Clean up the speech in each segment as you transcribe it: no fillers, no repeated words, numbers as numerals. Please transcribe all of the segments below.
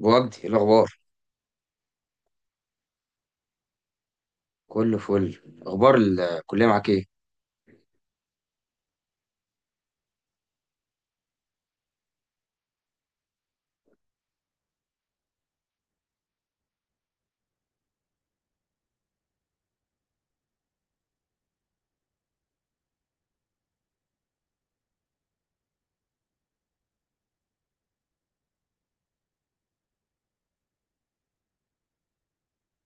وجدي، إيه الاخبار؟ كله فل. اخبار الكليه معاك ايه؟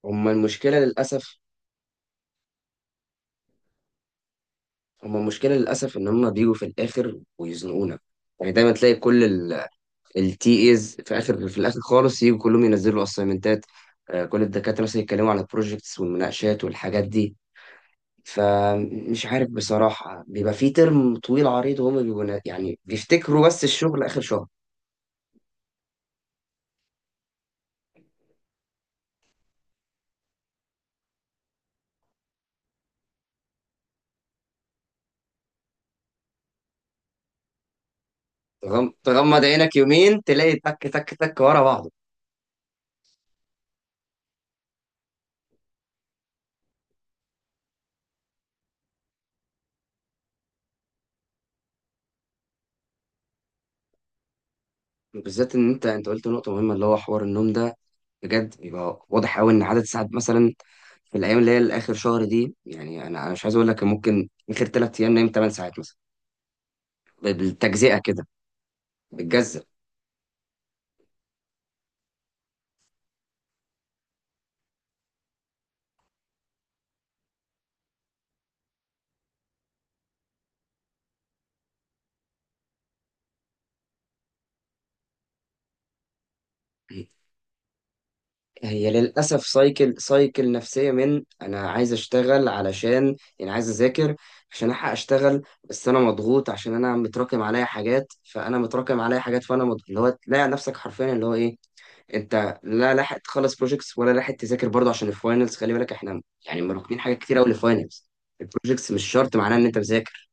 هما المشكله للاسف هما المشكله للاسف ان هما بيجوا في الاخر ويزنقونا. يعني دايما تلاقي كل التي ايز في الاخر خالص، يجوا كلهم ينزلوا اسايمنتات. كل الدكاتره مثلا يتكلموا عن البروجكتس والمناقشات والحاجات دي. فمش عارف بصراحه، بيبقى في ترم طويل عريض وهما بيبقوا يعني بيفتكروا بس الشغل اخر شهر. تغمض عينك يومين تلاقي تك تك تك ورا بعض. بالذات ان انت قلت نقطه مهمه اللي هو حوار النوم ده. بجد يبقى واضح قوي ان عدد ساعات مثلا في الايام اللي هي الاخر شهر دي. يعني انا مش عايز اقول لك ممكن اخر 3 ايام نايم 8 ساعات مثلا، بالتجزئه كده، بتجزأ. هي للاسف سايكل سايكل نفسيه، من انا عايز اشتغل علشان يعني عايز اذاكر عشان الحق اشتغل، بس انا مضغوط عشان انا متراكم عليا حاجات، فانا متراكم عليا حاجات فانا مضغوط، اللي هو تلاقي نفسك حرفيا اللي هو ايه؟ انت لا لاحق تخلص بروجكتس ولا لاحق تذاكر برضه عشان الفاينلز، خلي بالك احنا يعني مراكمين حاجات كتير قوي للفاينلز. البروجكتس مش شرط معناه ان انت مذاكر.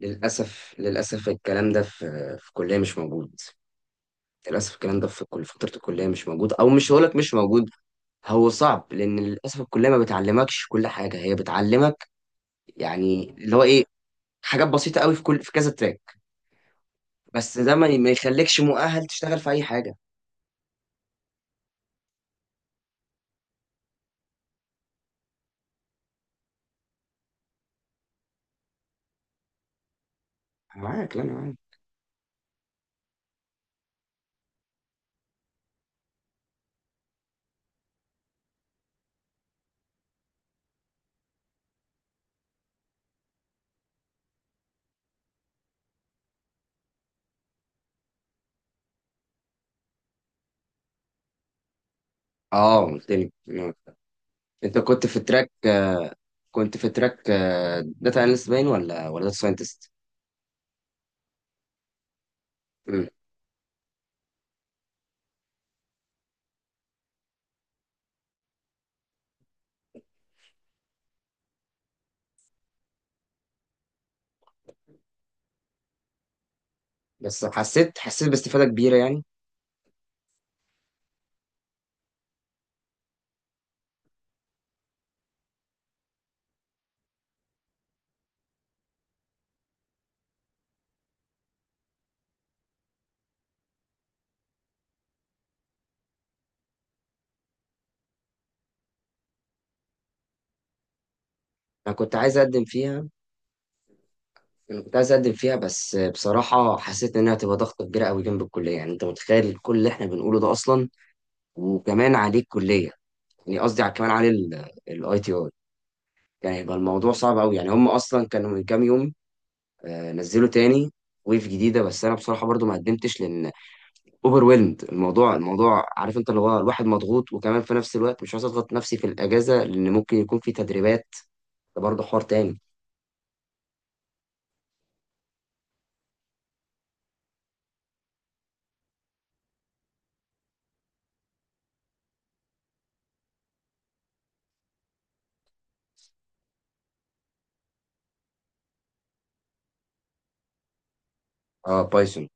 للاسف للاسف الكلام ده في الكليه مش موجود. للاسف الكلام ده في كل فتره الكليه مش موجود، او مش هقولك مش موجود، هو صعب. لان للاسف الكليه ما بتعلمكش كل حاجه، هي بتعلمك يعني اللي هو ايه، حاجات بسيطه قوي في كل في كذا تراك، بس ده ما ما يخليكش مؤهل تشتغل في اي حاجه. أنا معاك، لا انا معاك. اه، قلت لي. انت كنت في تراك كنت في تراك داتا اناليست باين ولا داتا ساينتست؟ بس حسيت باستفاده كبيره يعني. انا كنت عايز اقدم فيها. بس بصراحه حسيت انها هتبقى ضغطه كبيره قوي جنب الكليه. يعني انت متخيل كل اللي احنا بنقوله ده اصلا، وكمان عليه الكليه، يعني قصدي كمان عليه الاي تي اي. يعني هيبقى الموضوع صعب قوي. يعني هم اصلا كانوا من كام يوم نزلوا تاني ويف جديده. بس انا بصراحه برضو ما قدمتش لان اوفرويلمد الموضوع. الموضوع عارف انت، اللي هو الواحد مضغوط، وكمان في نفس الوقت مش عايز اضغط نفسي في الاجازه لان ممكن يكون في تدريبات. ده برضه حوار تاني. اه، بايثون.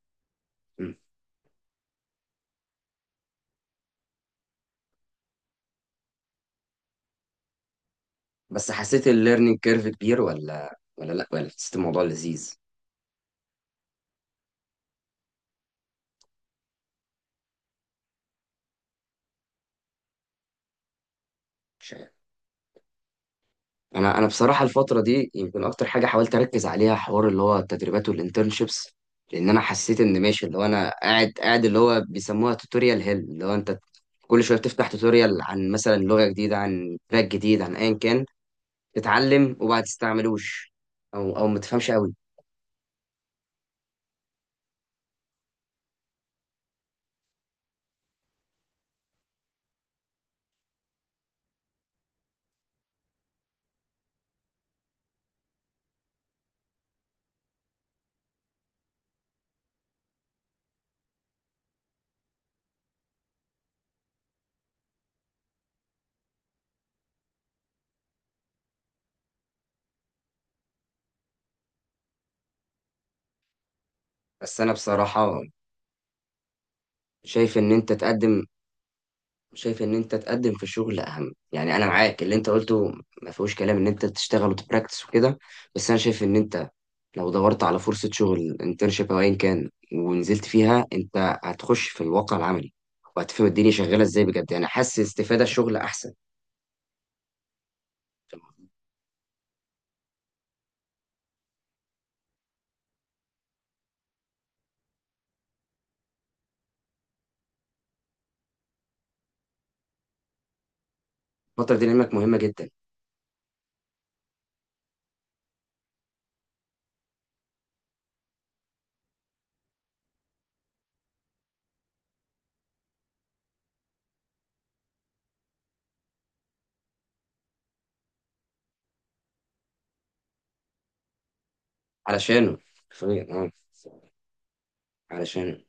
مم. بس حسيت الليرنينج كيرف كبير ولا حسيت الموضوع لذيذ؟ مش عارف. انا بصراحه الفتره دي يمكن اكتر حاجه حاولت اركز عليها حوار اللي هو التدريبات والانترنشيبس. لان انا حسيت ان ماشي، اللي هو انا قاعد اللي هو بيسموها توتوريال هيل، اللي هو انت كل شويه بتفتح توتوريال عن مثلا لغه جديده عن تراك جديد عن ايا كان، تتعلم وبعد تستعملوش او ما تفهمش قوي. بس انا بصراحه شايف ان انت تقدم. في الشغل اهم. يعني انا معاك اللي انت قلته، ما فيهوش كلام ان انت تشتغل وتبراكتس وكده. بس انا شايف ان انت لو دورت على فرصه شغل انترنشيب او ايا كان ونزلت فيها، انت هتخش في الواقع العملي وهتفهم الدنيا شغاله ازاي بجد. يعني حاسس استفاده الشغل احسن. الفتره دي لعلمك مهمه جدا. علشانه. فعلا، اه. علشانه.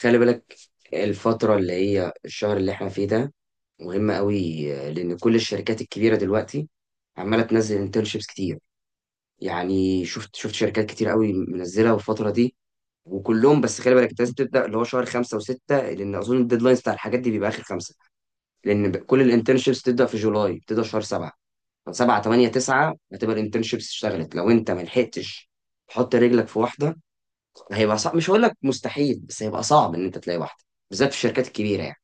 خلي بالك الفترة اللي هي الشهر اللي احنا فيه ده مهمة قوي، لأن كل الشركات الكبيرة دلوقتي عمالة تنزل انترنشيبس كتير. يعني شفت شركات كتير قوي منزلة الفترة دي. وكلهم، بس خلي بالك انت لازم تبدأ اللي هو شهر 5 و6، لأن أظن الديدلاينز بتاع الحاجات دي بيبقى آخر 5. لأن كل الانترنشيبس بتبدأ في جولاي، بتبدأ شهر 7. فسبعة تمانية تسعة هتبقى الانترنشيبس اشتغلت. لو انت ملحقتش تحط رجلك في واحدة، هيبقى صعب، مش هقول لك مستحيل، بس هيبقى صعب ان انت تلاقي واحده، بالذات في الشركات الكبيره يعني.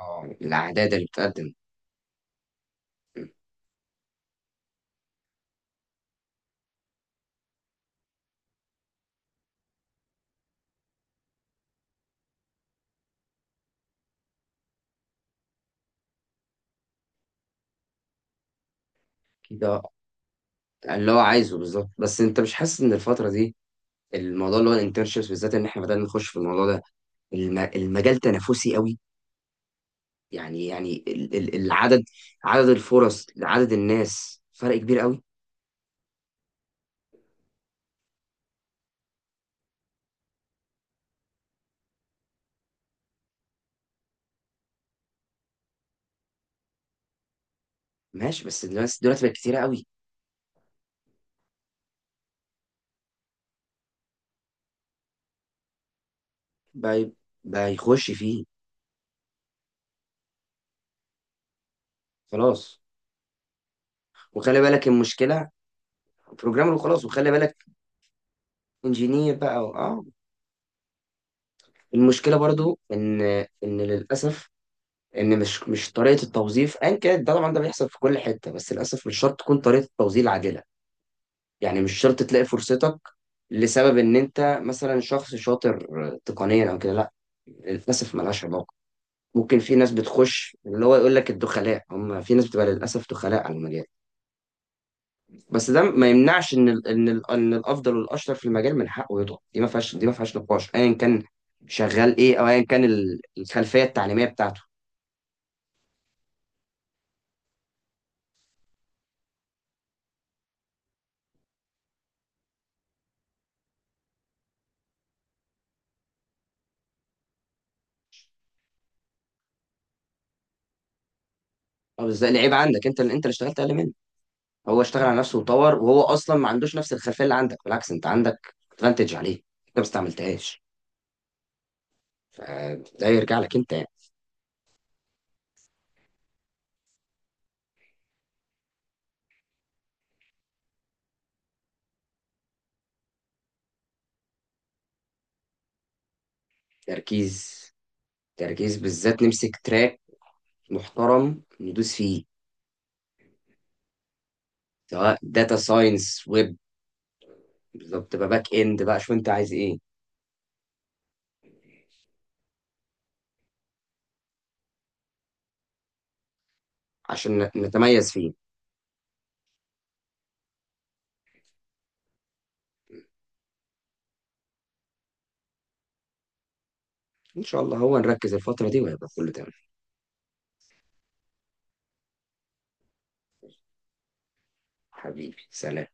اه، الاعداد اللي بتقدم كده اللي هو عايزه بالظبط. بس انت مش حاسس ان الفتره دي الموضوع اللي هو الانترنشيبس، بالذات ان احنا بدأنا نخش في الموضوع ده، المجال تنافسي قوي؟ يعني ال- ال- العدد عدد الفرص، عدد الناس، فرق كبير قوي. ماشي. بس الناس دلوقتي بقت كتيره قوي بقى. يخش فيه. خلاص، وخلي بالك المشكله، بروجرامر، وخلاص وخلي بالك، انجينير بقى. اه، المشكله برضو ان، ان للاسف، ان مش طريقه التوظيف، ان كانت ده طبعا ده بيحصل في كل حته، بس للاسف مش شرط تكون طريقه التوظيف عادله. يعني مش شرط تلاقي فرصتك لسبب ان انت مثلا شخص شاطر تقنيا او كده، لا، للاسف ملهاش علاقه. ممكن في ناس بتخش، اللي هو يقول لك الدخلاء، هم في ناس بتبقى للاسف دخلاء على المجال. بس ده ما يمنعش ان الافضل والاشطر في المجال من حقه يطلع. دي ما فيهاش نقاش، ايا كان شغال ايه او ايا كان الخلفيه التعليميه بتاعته. اه، بس ده العيب عندك، انت اللي اشتغلت اقل منه. هو اشتغل على نفسه وطور، وهو اصلا ما عندوش نفس الخلفيه اللي عندك، بالعكس انت عندك ادفانتج عليه، انت ما استعملتهاش. فده يرجع لك انت يعني. تركيز، تركيز، بالذات نمسك تراك محترم ندوس فيه، سواء داتا ساينس، ويب، بالظبط، تبقى باك اند بقى، شوف انت عايز ايه عشان نتميز فيه. ان شاء الله هو نركز الفتره دي وهيبقى كله تمام. حبيبي، سلام.